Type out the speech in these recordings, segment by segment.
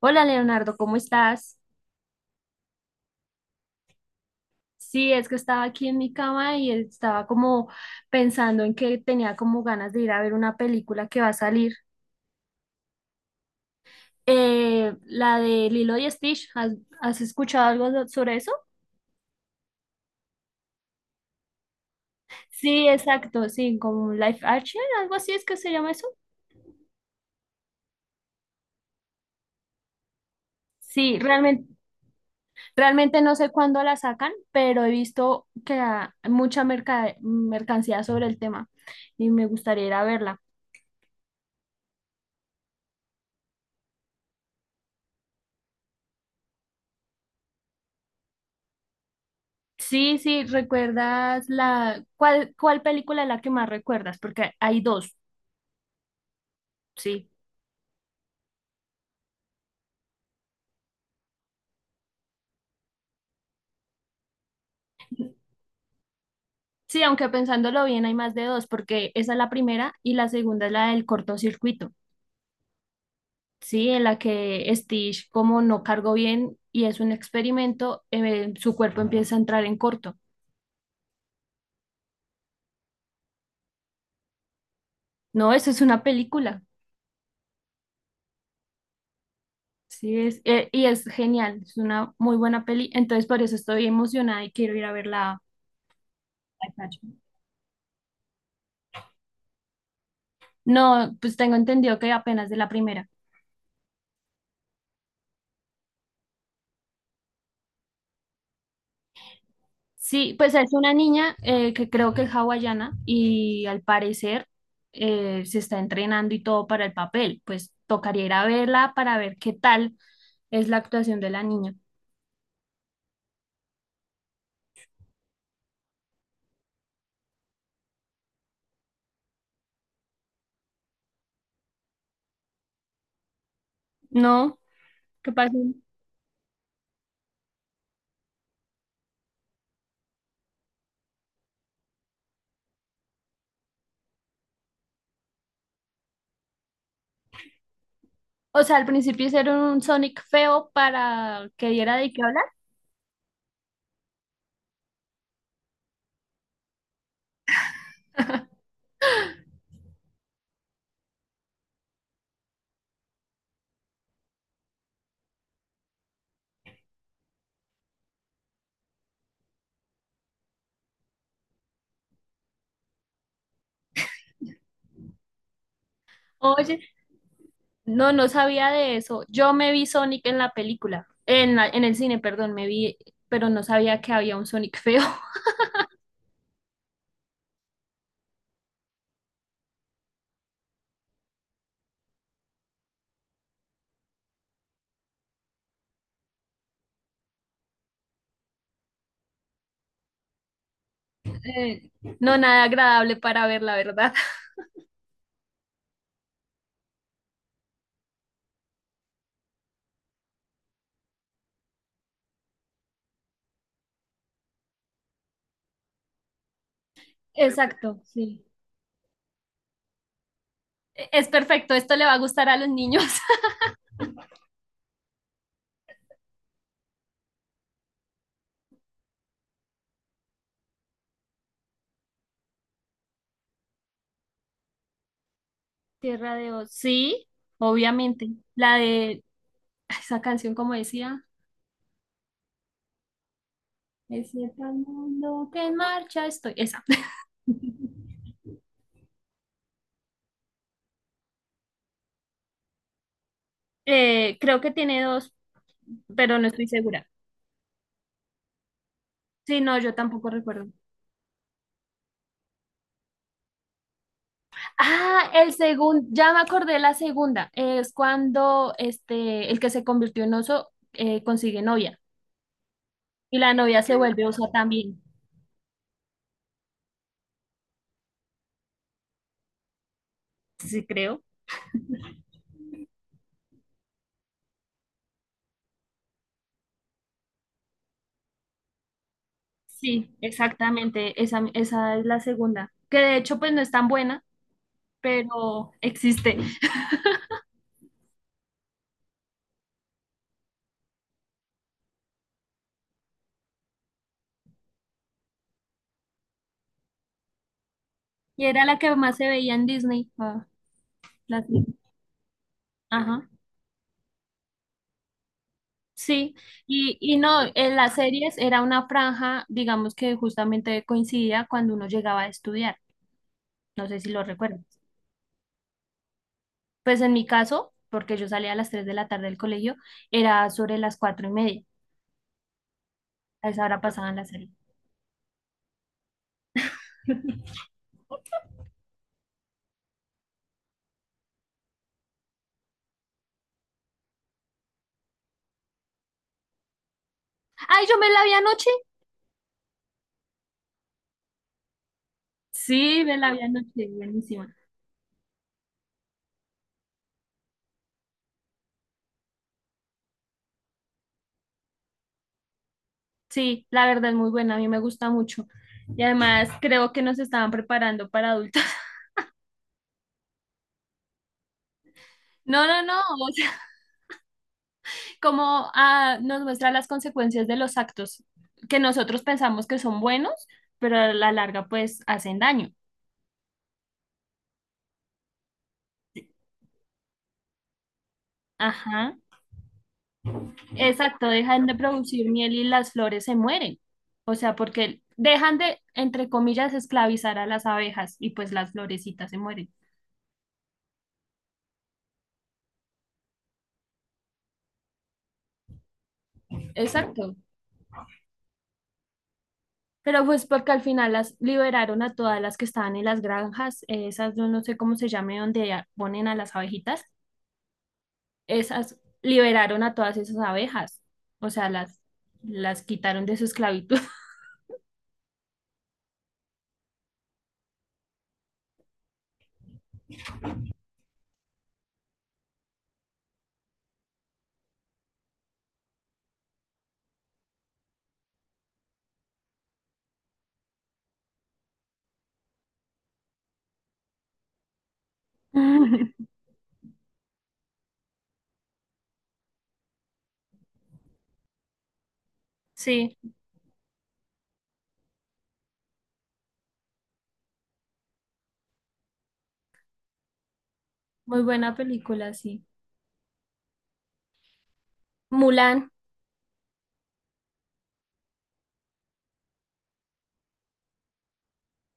Hola Leonardo, ¿cómo estás? Sí, es que estaba aquí en mi cama y estaba como pensando en que tenía como ganas de ir a ver una película que va a salir. La de Lilo y Stitch, ¿ has escuchado algo sobre eso? Sí, exacto, sí, como Life Action, algo así es que se llama eso. Sí, realmente no sé cuándo la sacan, pero he visto que hay mucha mercancía sobre el tema y me gustaría ir a verla. Sí, sí, ¿recuerdas la cuál película es la que más recuerdas? Porque hay 2, sí. Sí, aunque pensándolo bien hay más de 2, porque esa es la primera y la segunda es la del cortocircuito. Sí, en la que Stitch como no cargó bien y es un experimento, su cuerpo empieza a entrar en corto. No, eso es una película. Sí, es y es genial, es una muy buena peli, entonces por eso estoy emocionada y quiero ir a verla. No, pues tengo entendido que apenas de la primera. Sí, pues es una niña que creo que es hawaiana y al parecer se está entrenando y todo para el papel. Pues tocaría ir a verla para ver qué tal es la actuación de la niña. ¿No? ¿Qué pasó? O sea, al principio hicieron un Sonic feo para que diera de qué hablar. Oye, no, no sabía de eso. Yo me vi Sonic en la película, en en el cine, perdón, me vi, pero no sabía que había un Sonic feo. Eh, no, nada agradable para ver, la verdad. Exacto, sí. Es perfecto, esto le va a gustar a los niños. Tierra de Oz. Sí, obviamente. La de esa canción, como decía, es el mundo que en marcha estoy. Esa. Creo que tiene 2, pero no estoy segura. Sí, no, yo tampoco recuerdo. Ah, el segundo, ya me acordé la segunda. Es cuando este, el que se convirtió en oso consigue novia y la novia se vuelve oso también. Sí, creo. Sí, exactamente, esa es la segunda, que de hecho pues no es tan buena, pero existe. Y era la que más se veía en Disney. La- ajá, sí, y no, en las series era una franja, digamos que justamente coincidía cuando uno llegaba a estudiar, no sé si lo recuerdas. Pues en mi caso, porque yo salía a las 3 de la tarde del colegio, era sobre las 4 y media, a esa hora pasaban la serie. ¡Ay, yo me la vi anoche! Sí, me la vi anoche, buenísima. Sí, la verdad es muy buena, a mí me gusta mucho. Y además creo que nos estaban preparando para adultos. No, no, no, o sea, como ah, nos muestra las consecuencias de los actos que nosotros pensamos que son buenos, pero a la larga pues hacen daño. Ajá, exacto, dejan de producir miel y las flores se mueren. O sea, porque dejan de, entre comillas, esclavizar a las abejas y pues las florecitas se mueren. Exacto. Pero pues porque al final las liberaron a todas las que estaban en las granjas, esas yo no sé cómo se llame, donde ponen a las abejitas, esas liberaron a todas esas abejas, o sea, las, las quitaron de su esclavitud. Sí, muy buena película, sí. Mulan,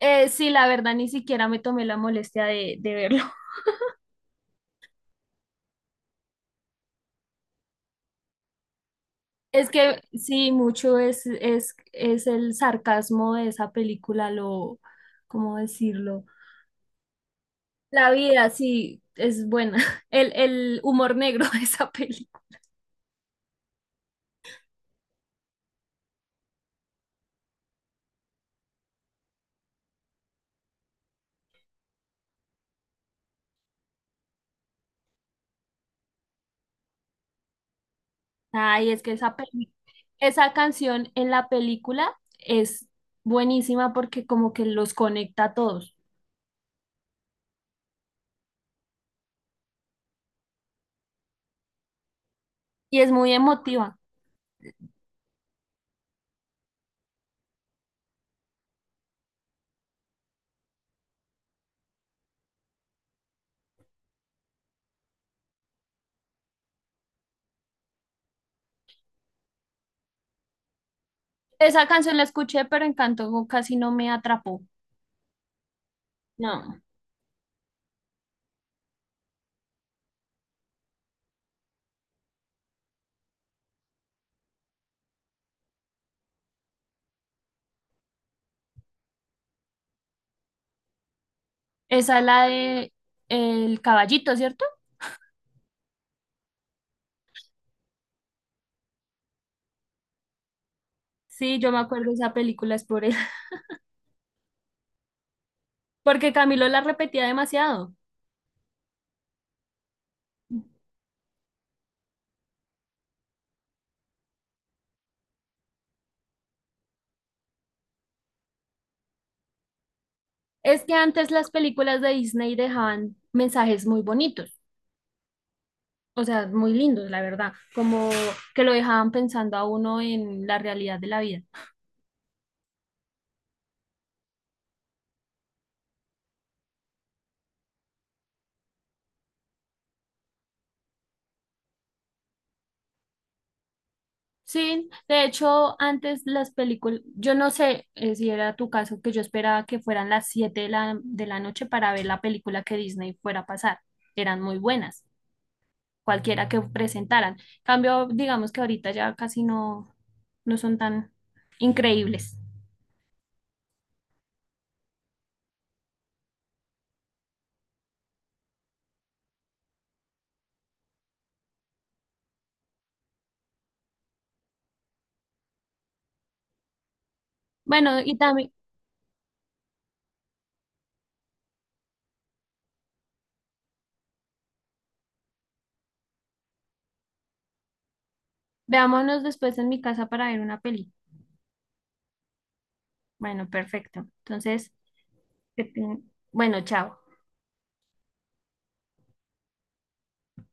sí, la verdad ni siquiera me tomé la molestia de verlo. Es que sí, mucho es el sarcasmo de esa película, lo, ¿cómo decirlo? La vida, sí, es buena. El humor negro de esa película. Ay, es que esa esa canción en la película es buenísima porque como que los conecta a todos y es muy emotiva. Esa canción la escuché, pero Encanto casi no me atrapó. No, esa es la de El Caballito, ¿cierto? Sí, yo me acuerdo de esa película, es por él, porque Camilo la repetía demasiado. Es que antes las películas de Disney dejaban mensajes muy bonitos. O sea, muy lindos, la verdad, como que lo dejaban pensando a uno en la realidad de la vida. Sí, de hecho, antes las películas, yo no sé si era tu caso, que yo esperaba que fueran las 7 de de la noche para ver la película que Disney fuera a pasar. Eran muy buenas, cualquiera que presentaran. Cambio, digamos que ahorita ya casi no son tan increíbles. Bueno, y también, veámonos después en mi casa para ver una peli. Bueno, perfecto. Entonces, que bueno, chao.